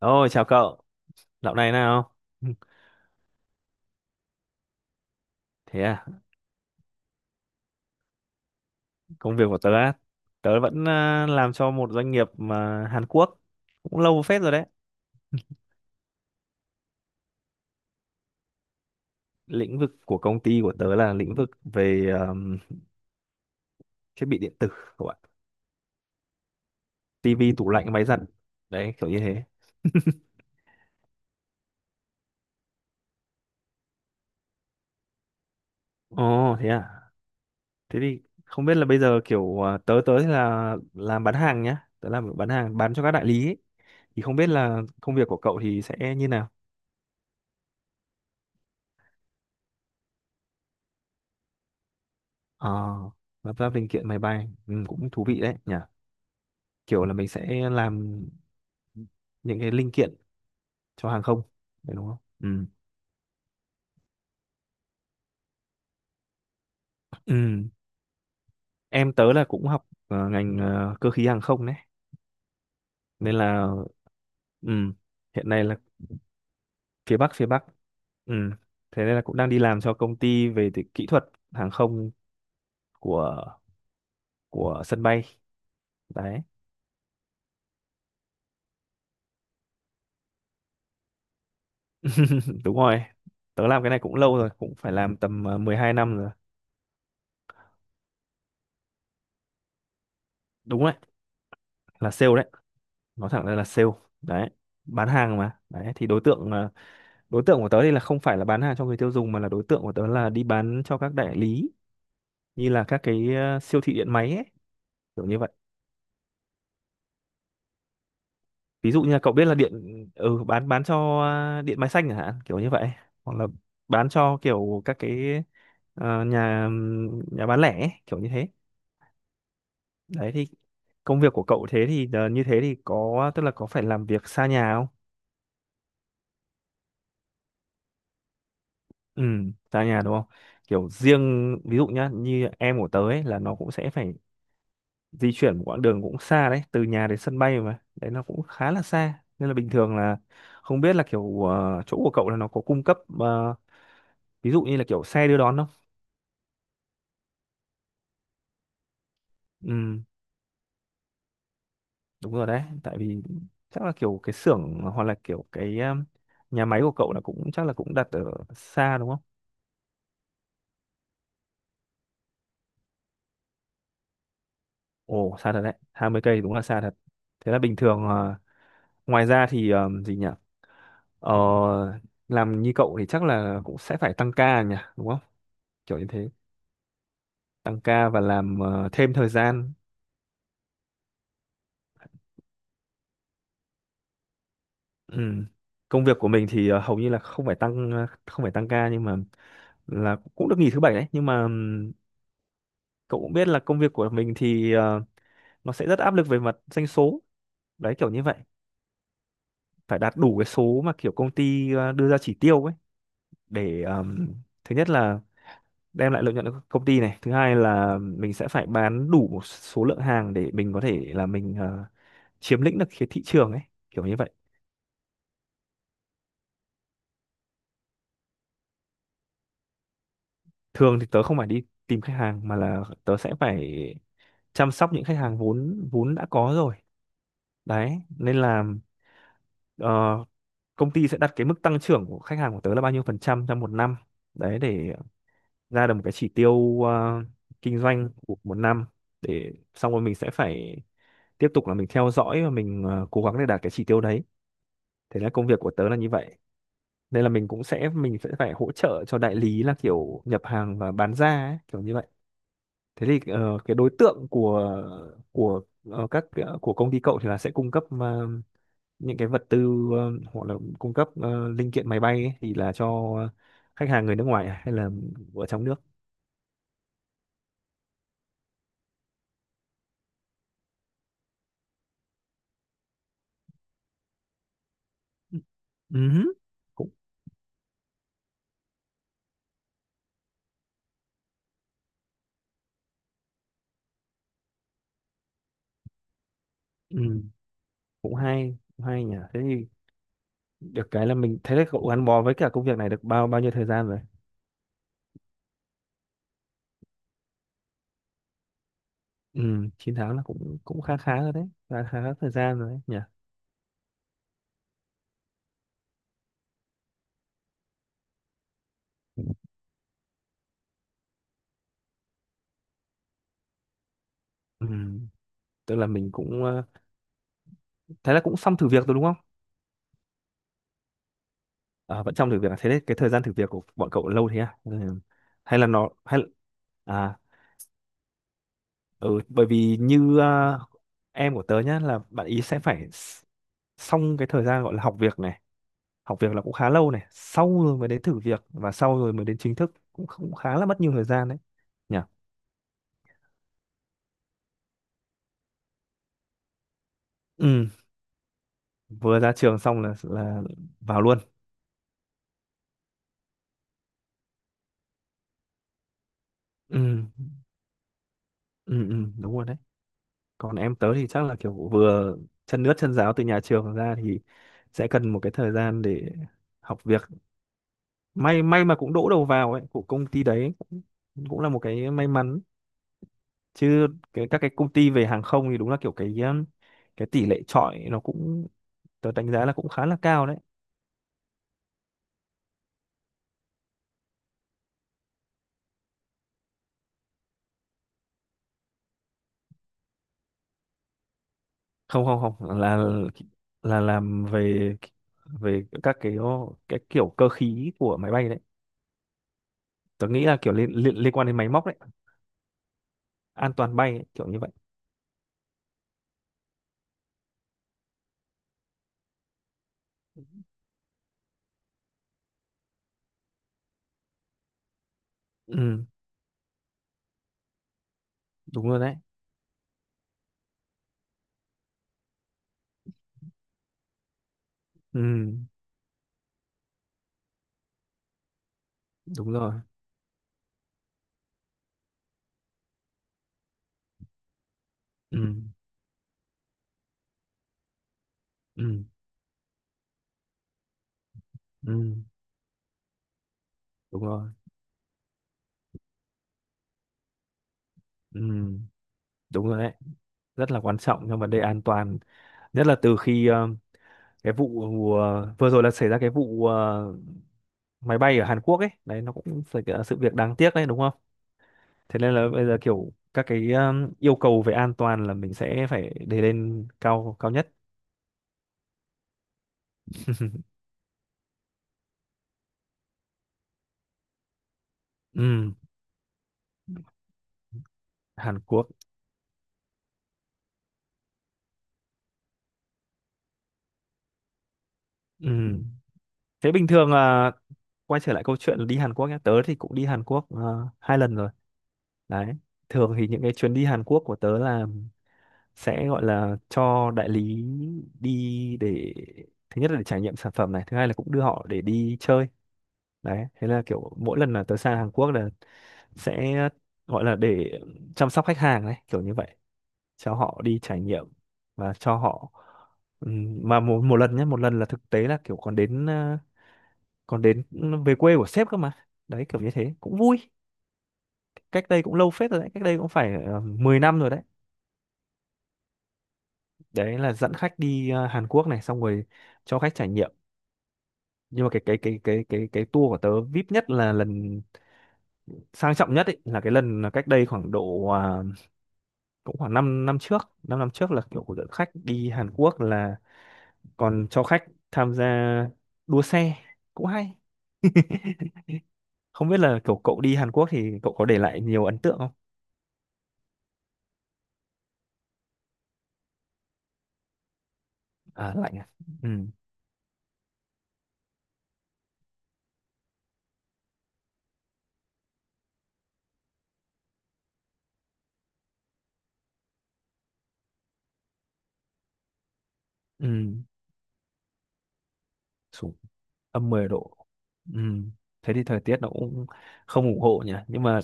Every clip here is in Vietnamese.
Ôi chào cậu, dạo này nào? Thế à, công việc của tớ á, tớ vẫn làm cho một doanh nghiệp mà Hàn Quốc cũng lâu phết rồi đấy. Lĩnh vực của công ty của tớ là lĩnh vực về thiết bị điện tử các bạn, tivi, tủ lạnh, máy giặt. Đấy, kiểu như thế. Ồ, thế à. Thế thì không biết là bây giờ tớ tớ thì là làm bán hàng nhá, tớ làm bán hàng bán cho các đại lý ấy. Thì không biết là công việc của cậu thì sẽ như nào? Ờ, lập ra linh kiện máy bay, ừ, cũng thú vị đấy nhỉ. Kiểu là mình sẽ làm những cái linh kiện cho hàng không phải đúng không, ừ. Ừ. Em tớ là cũng học ngành cơ khí hàng không đấy nên là ừ. Hiện nay là phía Bắc, phía Bắc, ừ. Thế nên là cũng đang đi làm cho công ty về thì kỹ thuật hàng không của sân bay đấy. Đúng rồi, tớ làm cái này cũng lâu rồi, cũng phải làm tầm 12 năm rồi. Đúng đấy, là sale đấy, nói thẳng ra là sale đấy, bán hàng mà đấy. Thì đối tượng đối tượng của tớ thì là không phải là bán hàng cho người tiêu dùng, mà là đối tượng của tớ là đi bán cho các đại lý, như là các cái siêu thị điện máy ấy, kiểu như vậy. Ví dụ như là cậu biết là điện, ừ, bán cho điện máy xanh chẳng hạn, kiểu như vậy, hoặc là bán cho kiểu các cái nhà nhà bán lẻ ấy, kiểu như thế. Đấy thì công việc của cậu thế thì như thế thì có, tức là có phải làm việc xa nhà không? Ừ, xa nhà đúng không? Kiểu riêng ví dụ nhá, như em của tớ ấy, là nó cũng sẽ phải di chuyển một quãng đường cũng xa đấy, từ nhà đến sân bay mà đấy nó cũng khá là xa, nên là bình thường là không biết là kiểu chỗ của cậu là nó có cung cấp ví dụ như là kiểu xe đưa đón không? Ừ, đúng rồi đấy, tại vì chắc là kiểu cái xưởng hoặc là kiểu cái nhà máy của cậu là cũng chắc là cũng đặt ở xa đúng không? Ồ, xa thật đấy, 20 cây đúng là xa thật. Thế là bình thường ngoài ra thì gì nhỉ, ờ, làm như cậu thì chắc là cũng sẽ phải tăng ca nhỉ, đúng không, kiểu như thế, tăng ca và làm thêm thời gian. Ừ. Công việc của mình thì hầu như là không phải không phải tăng ca, nhưng mà là cũng được nghỉ thứ bảy đấy, nhưng mà cậu cũng biết là công việc của mình thì nó sẽ rất áp lực về mặt doanh số đấy, kiểu như vậy, phải đạt đủ cái số mà kiểu công ty đưa ra chỉ tiêu ấy, để thứ nhất là đem lại lợi nhuận cho công ty này, thứ hai là mình sẽ phải bán đủ một số lượng hàng để mình có thể là mình chiếm lĩnh được cái thị trường ấy, kiểu như vậy. Thường thì tớ không phải đi tìm khách hàng mà là tớ sẽ phải chăm sóc những khách hàng vốn vốn đã có rồi, đấy nên là ờ, công ty sẽ đặt cái mức tăng trưởng của khách hàng của tớ là bao nhiêu phần trăm trong một năm, đấy để ra được một cái chỉ tiêu kinh doanh của một năm, để xong rồi mình sẽ phải tiếp tục là mình theo dõi và mình cố gắng để đạt cái chỉ tiêu đấy. Thế là công việc của tớ là như vậy, nên là mình cũng sẽ mình sẽ phải hỗ trợ cho đại lý là kiểu nhập hàng và bán ra ấy, kiểu như vậy. Thế thì cái đối tượng của ờ, các của công ty cậu thì là sẽ cung cấp những cái vật tư, hoặc là cung cấp linh kiện máy bay ấy, thì là cho khách hàng người nước ngoài à, hay là ở trong nước? Ừ. Ừm. Cũng ừ. Cũng hay nhỉ. Thế thì được cái là mình thấy là cậu gắn bó với cả công việc này được bao bao nhiêu thời gian rồi? Ừ, 9 tháng là cũng cũng khá khá rồi đấy, khá khá thời gian rồi đấy nhỉ. Ừ. Tức là mình cũng thấy là cũng xong thử việc rồi đúng không? À, vẫn trong thử việc à? Thế đấy cái thời gian thử việc của bọn cậu lâu thế à? Ừ. Hay là nó hay, à, ừ, bởi vì như em của tớ nhá, là bạn ý sẽ phải xong cái thời gian gọi là học việc này, học việc là cũng khá lâu này, sau rồi mới đến thử việc và sau rồi mới đến chính thức, cũng cũng khá là mất nhiều thời gian đấy nhỉ. Ừ, vừa ra trường xong là vào luôn. Ừ, ừ, ừ, đúng rồi đấy. Còn em tớ thì chắc là kiểu vừa chân ướt chân ráo từ nhà trường ra thì sẽ cần một cái thời gian để học việc, may may mà cũng đỗ đầu vào ấy của công ty, đấy cũng cũng là một cái may mắn, chứ cái, các cái công ty về hàng không thì đúng là kiểu cái tỷ lệ chọi nó cũng, tớ đánh giá là cũng khá là cao đấy. Không không không, là là làm về về các cái kiểu cơ khí của máy bay đấy, tớ nghĩ là kiểu liên liên, liên quan đến máy móc đấy, an toàn bay ấy, kiểu như vậy. Ừ, đúng rồi đấy. Ừ, đúng rồi. Ừ. Ừ. Ừ, đúng rồi. Ừ, đúng rồi đấy, rất là quan trọng trong vấn đề an toàn, nhất là từ khi cái vụ vừa rồi là xảy ra cái vụ máy bay ở Hàn Quốc ấy đấy, nó cũng phải là sự việc đáng tiếc đấy đúng không? Thế nên là bây giờ kiểu các cái yêu cầu về an toàn là mình sẽ phải để lên cao cao nhất. Ừ. Hàn Quốc. Ừ, thế bình thường là quay trở lại câu chuyện đi Hàn Quốc nhé, tớ thì cũng đi Hàn Quốc 2 lần rồi. Đấy. Thường thì những cái chuyến đi Hàn Quốc của tớ là sẽ gọi là cho đại lý đi, để thứ nhất là để trải nghiệm sản phẩm này, thứ hai là cũng đưa họ để đi chơi. Đấy, thế là kiểu mỗi lần là tớ sang Hàn Quốc là sẽ gọi là để chăm sóc khách hàng đấy, kiểu như vậy, cho họ đi trải nghiệm và cho họ, mà một, một lần nhé, một lần là thực tế là kiểu còn đến còn đến về quê của sếp cơ mà. Đấy kiểu như thế, cũng vui. Cách đây cũng lâu phết rồi đấy, cách đây cũng phải 10 năm rồi đấy. Đấy là dẫn khách đi Hàn Quốc này, xong rồi cho khách trải nghiệm, nhưng mà cái tour của tớ VIP nhất là lần sang trọng nhất ấy, là cái lần là cách đây khoảng độ cũng khoảng 5 năm, năm trước là kiểu của dẫn khách đi Hàn Quốc là còn cho khách tham gia đua xe, cũng hay. Không biết là kiểu cậu đi Hàn Quốc thì cậu có để lại nhiều ấn tượng không? À, lạnh à, ừ. Ừ, xuống -10 độ. Ừ, thế thì thời tiết nó cũng không ủng hộ nhỉ, nhưng mà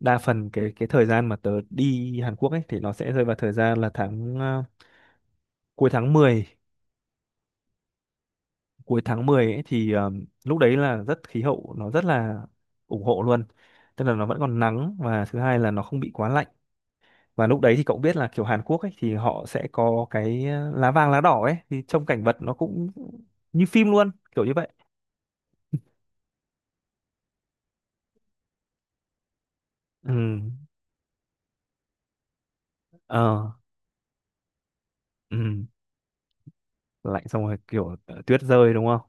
đa phần cái thời gian mà tớ đi Hàn Quốc ấy thì nó sẽ rơi vào thời gian là tháng cuối tháng mười, cuối tháng 10 ấy thì lúc đấy là rất khí hậu nó rất là ủng hộ luôn, tức là nó vẫn còn nắng và thứ hai là nó không bị quá lạnh, và lúc đấy thì cậu biết là kiểu Hàn Quốc ấy thì họ sẽ có cái lá vàng lá đỏ ấy, thì trông cảnh vật nó cũng như phim luôn, kiểu như vậy. Ừ. Ờ. Ừ, lạnh xong rồi kiểu tuyết rơi đúng không?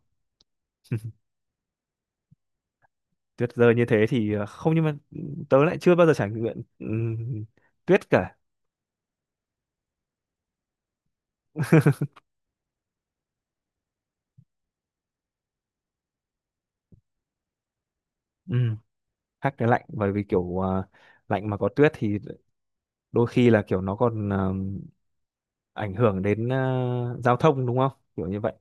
Tuyết rơi như thế thì không, nhưng mà tớ lại chưa bao giờ trải nghiệm tuyết cả. Ừm, khác cái lạnh bởi vì kiểu lạnh mà có tuyết thì đôi khi là kiểu nó còn ảnh hưởng đến giao thông đúng không, kiểu như vậy,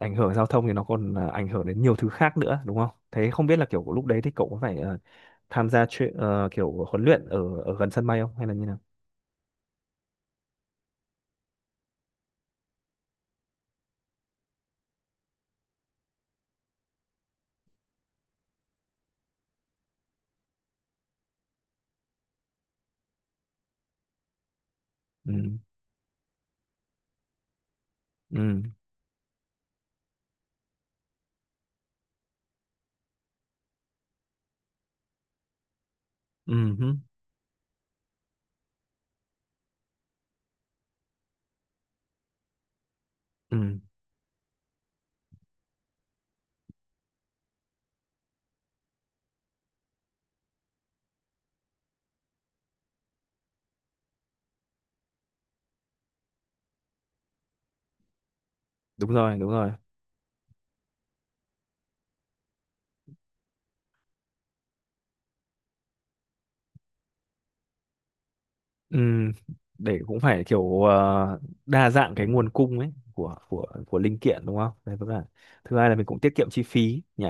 ảnh hưởng giao thông thì nó còn ảnh hưởng đến nhiều thứ khác nữa đúng không? Thế không biết là kiểu lúc đấy thì cậu có phải tham gia chuyện kiểu huấn luyện ở ở gần sân bay không hay là như nào? Ừm. Ừm. Ừm. Hứ. Ừm. Đúng rồi, đúng rồi. Ừ, để cũng phải kiểu đa dạng cái nguồn cung ấy của của linh kiện đúng không? Đấy vẫn là, thứ hai là mình cũng tiết kiệm chi phí nhỉ,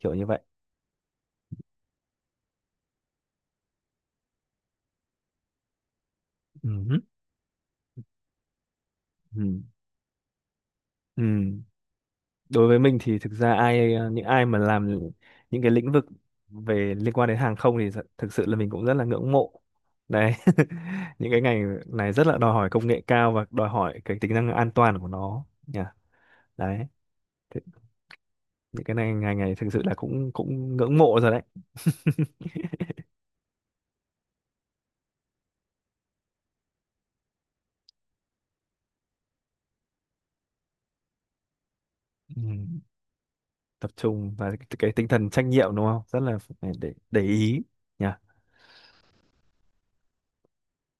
kiểu như vậy. Ừ. Ừ. Ừ. Đối với mình thì thực ra ai những ai mà làm những cái lĩnh vực về liên quan đến hàng không thì thực sự là mình cũng rất là ngưỡng mộ. Đấy. Những cái ngành này rất là đòi hỏi công nghệ cao và đòi hỏi cái tính năng an toàn của nó nhỉ. Đấy. Thế- Những cái này ngành này thực sự là cũng cũng ngưỡng mộ rồi đấy. Ừ. Tập trung và cái tinh thần trách nhiệm đúng không, rất là phải để ý nhỉ.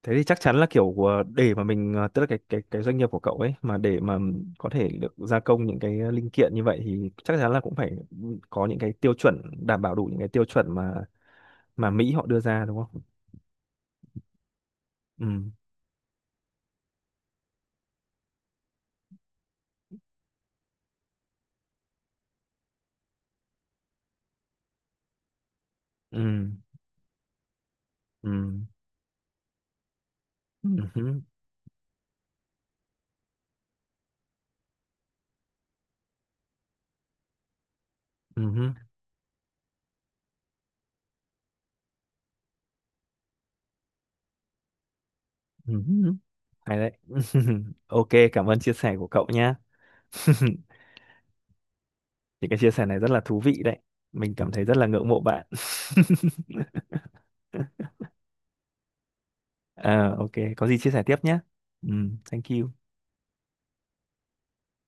Thế thì chắc chắn là để mà mình tức là cái cái doanh nghiệp của cậu ấy, mà để mà có thể được gia công những cái linh kiện như vậy thì chắc chắn là cũng phải có những cái tiêu chuẩn, đảm bảo đủ những cái tiêu chuẩn mà Mỹ họ đưa ra đúng không? Ừ. Ừ. Ừ. Ừ. Ừ. Ừ. Ừ. Ừ. Hay đấy. Ok, cảm ơn chia sẻ của cậu nhá. Những cái chia sẻ này rất là thú vị đấy, mình cảm thấy rất là ngưỡng mộ bạn. Ờ, ok, có gì chia sẻ tiếp nhé. Ừ, thank you.